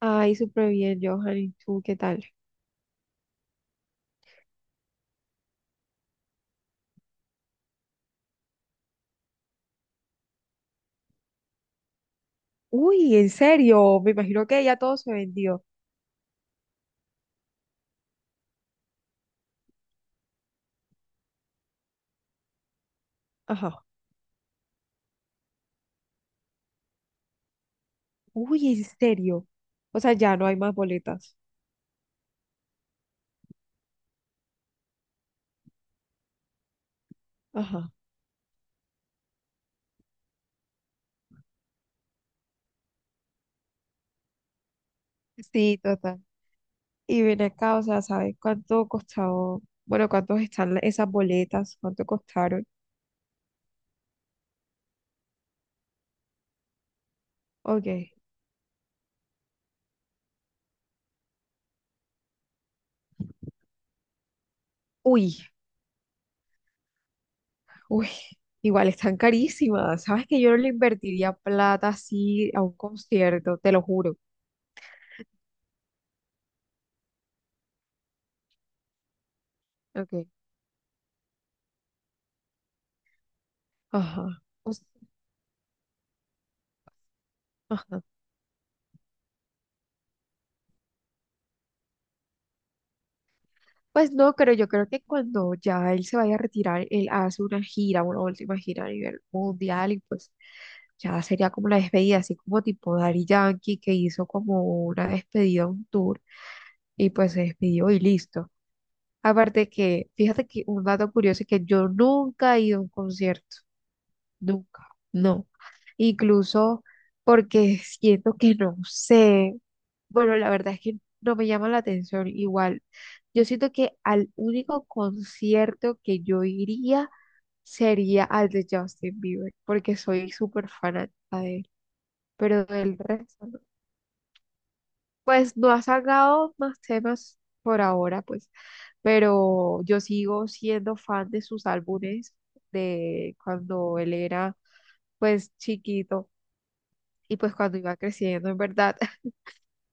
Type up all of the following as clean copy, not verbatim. Ay, súper bien, Johan. ¿Y tú qué tal? Uy, en serio. Me imagino que ya todo se vendió. Ajá. Uy, en serio. O sea, ya no hay más boletas. Ajá. Sí, total. Y ven acá, o sea, ¿sabes cuánto costó? Bueno, ¿cuántos están esas boletas? ¿Cuánto costaron? Ok. Uy, uy. Igual están carísimas. ¿Sabes que yo no le invertiría plata así a un concierto? Te lo juro. Ok. Ajá. O s- Pues no, pero yo creo que cuando ya él se vaya a retirar, él hace una gira, una última gira a nivel mundial y pues ya sería como la despedida, así como tipo Daddy Yankee que hizo como una despedida, un tour y pues se despidió y listo. Aparte que, fíjate que un dato curioso es que yo nunca he ido a un concierto, nunca, no. Incluso porque siento que no sé. Bueno, la verdad es que no me llama la atención igual. Yo siento que al único concierto que yo iría sería al de Justin Bieber, porque soy súper fanática de él, pero del resto no. Pues no ha sacado más temas por ahora, pues, pero yo sigo siendo fan de sus álbumes de cuando él era, pues, chiquito y pues cuando iba creciendo, en verdad.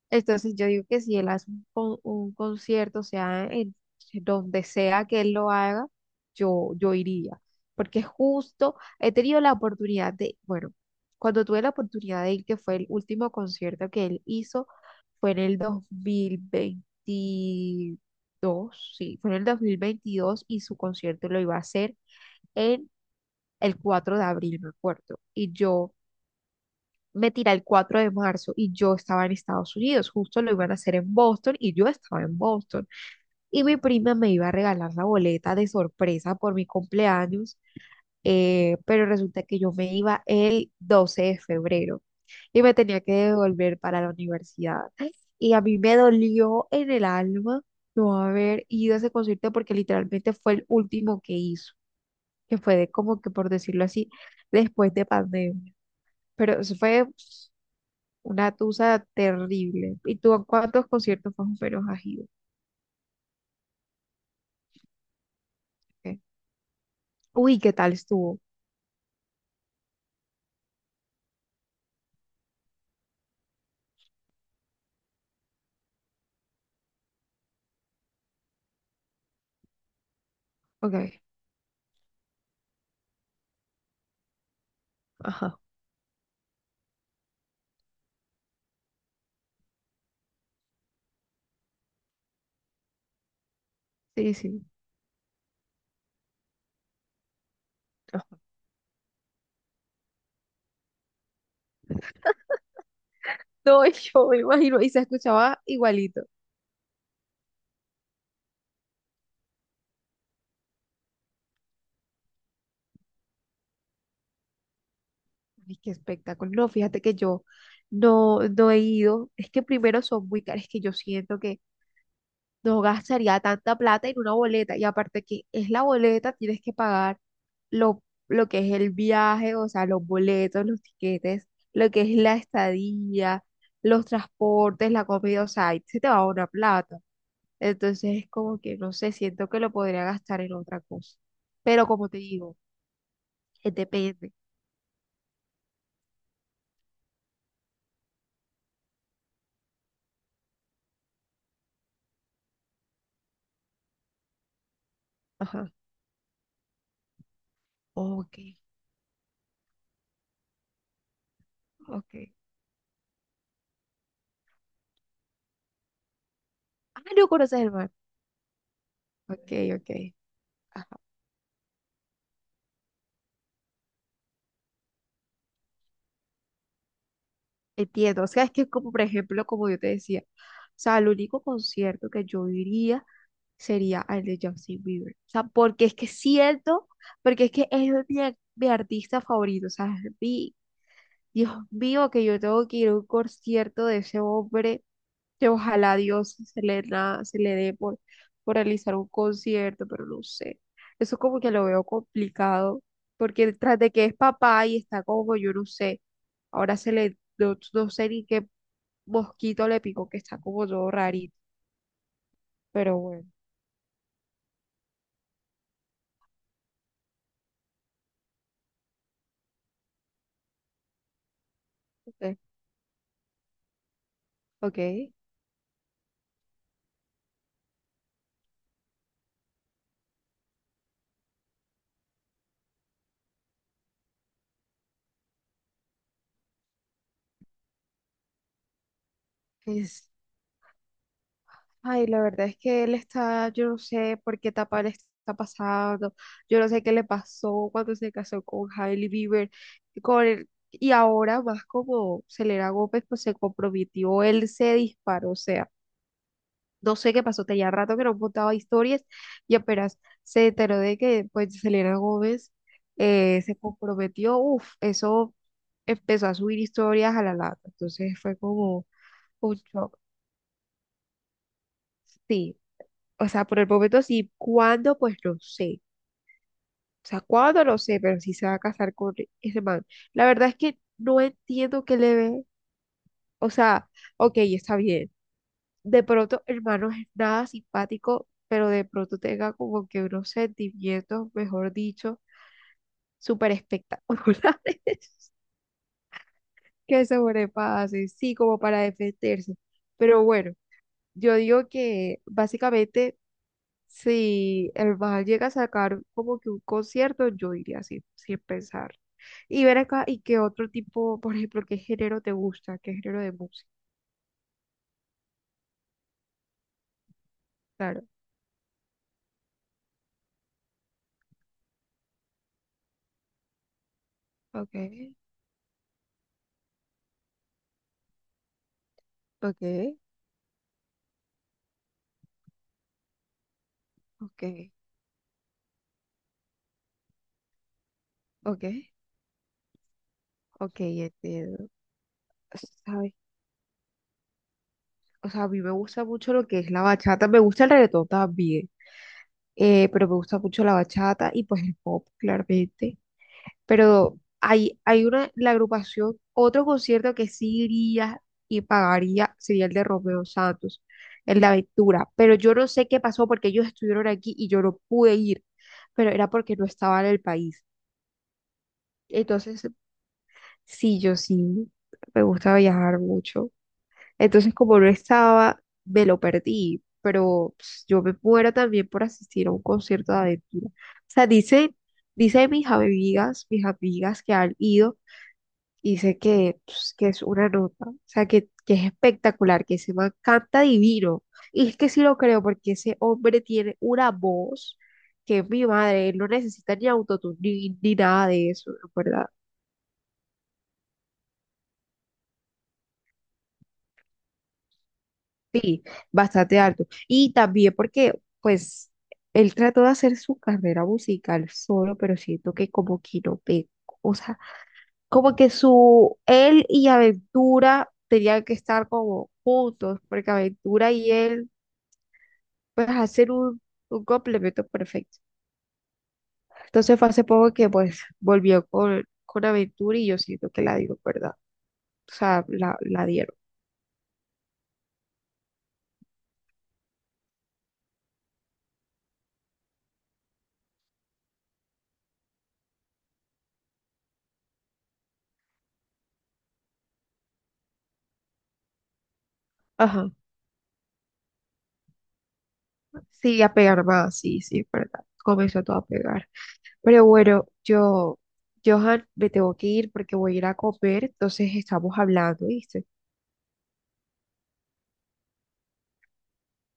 Entonces yo digo que si él hace un concierto, o sea en donde sea que él lo haga, yo iría. Porque justo he tenido la oportunidad de, bueno, cuando tuve la oportunidad de ir, que fue el último concierto que él hizo, fue en el 2022, sí, fue en el 2022 y su concierto lo iba a hacer en el 4 de abril, me acuerdo. Y yo me tiré el 4 de marzo y yo estaba en Estados Unidos, justo lo iban a hacer en Boston y yo estaba en Boston. Y mi prima me iba a regalar la boleta de sorpresa por mi cumpleaños, pero resulta que yo me iba el 12 de febrero y me tenía que devolver para la universidad. Y a mí me dolió en el alma no haber ido a ese concierto porque literalmente fue el último que hizo, que fue de como que por decirlo así, después de pandemia. Pero eso fue una tusa terrible. ¿Y tú a cuántos conciertos más o menos has ido? Ok. Uy, ¿qué tal estuvo? Ok, ajá, sí, sí. Ajá. No, yo me imagino, y se escuchaba igualito. Ay, qué espectáculo. No, fíjate que yo no, no he ido. Es que primero son muy caros, es que yo siento que no gastaría tanta plata en una boleta. Y aparte que es la boleta, tienes que pagar lo, lo que es el viaje, o sea, los boletos, los tiquetes, lo que es la estadía, los transportes, la comida, o sea, ahí se te va una plata. Entonces es como que, no sé, siento que lo podría gastar en otra cosa. Pero como te digo, depende. Ajá. Ok, ok. Ah, no conoces el mar. Ok, ok. Ah. Entiendo, o sea, es que como por ejemplo, como yo te decía, o sea, el único concierto que yo iría sería el de Justin Bieber, o sea, porque es que siento, porque es que es mi artista favorito, o sea, es mi, Dios mío, que yo tengo que ir a un concierto de ese hombre, que ojalá Dios se le dé por realizar un concierto, pero no sé, eso como que lo veo complicado, porque tras de que es papá y está como, yo no sé, ahora se le no, no sé ni qué mosquito le picó que está como todo rarito, pero bueno, entonces, ok. Es, ay, la verdad es que él está, yo no sé por qué etapa le está pasando, yo no sé qué le pasó cuando se casó con Hailey Bieber, y ahora más como Selena Gómez, pues se comprometió, él se disparó, o sea. No sé qué pasó, tenía rato que no contaba historias y apenas se enteró de que pues Selena Gómez se comprometió, uff, eso empezó a subir historias a la lata. Entonces fue como un shock. Sí, o sea, por el momento sí, ¿cuándo? Pues no sé. O sea, ¿cuándo? No sé, pero sí se va a casar con ese man. La verdad es que no entiendo qué le ve. O sea, ok, está bien, de pronto el man no es nada simpático, pero de pronto tenga como que unos sentimientos, mejor dicho, súper espectaculares que sobrepasen, sí, como para defenderse. Pero bueno, yo digo que básicamente si el man llega a sacar como que un concierto, yo diría así, sin pensar. Y ver acá, ¿y qué otro tipo, por ejemplo, qué género te gusta? ¿Qué género de música? Claro, ok, ok, ok, ok, ok, entiendo. ¿Sabes? O sea, a mí me gusta mucho lo que es la bachata, me gusta el reggaetón también, pero me gusta mucho la bachata y pues el pop, claramente. Pero hay una, la agrupación, otro concierto que sí iría y pagaría sería el de Romeo Santos, el de Aventura, pero yo no sé qué pasó porque ellos estuvieron aquí y yo no pude ir, pero era porque no estaba en el país. Entonces, sí, yo sí, me gusta viajar mucho. Entonces, como no estaba, me lo perdí, pero pues, yo me muero también por asistir a un concierto de aventura. O sea, dice, dice mis amigas que han ido, dice que, pues, que es una nota, o sea, que es espectacular, que se man canta divino. Y es que sí lo creo, porque ese hombre tiene una voz que es mi madre, él no necesita ni autotune ni, ni nada de eso, ¿verdad? Sí, bastante alto. Y también porque, pues, él trató de hacer su carrera musical solo, pero siento que como que no pegó. O sea, como que su, él y Aventura tenían que estar como juntos, porque Aventura y él, pues, hacen un complemento perfecto. Entonces fue hace poco que, pues, volvió con Aventura y yo siento que la dio, ¿verdad? O sea, la dieron. Ajá. Sí, a pegar más, sí, sí, es verdad. Comenzó todo a pegar. Pero bueno, yo, Johan, me tengo que ir porque voy a ir a comer, entonces estamos hablando, ¿viste?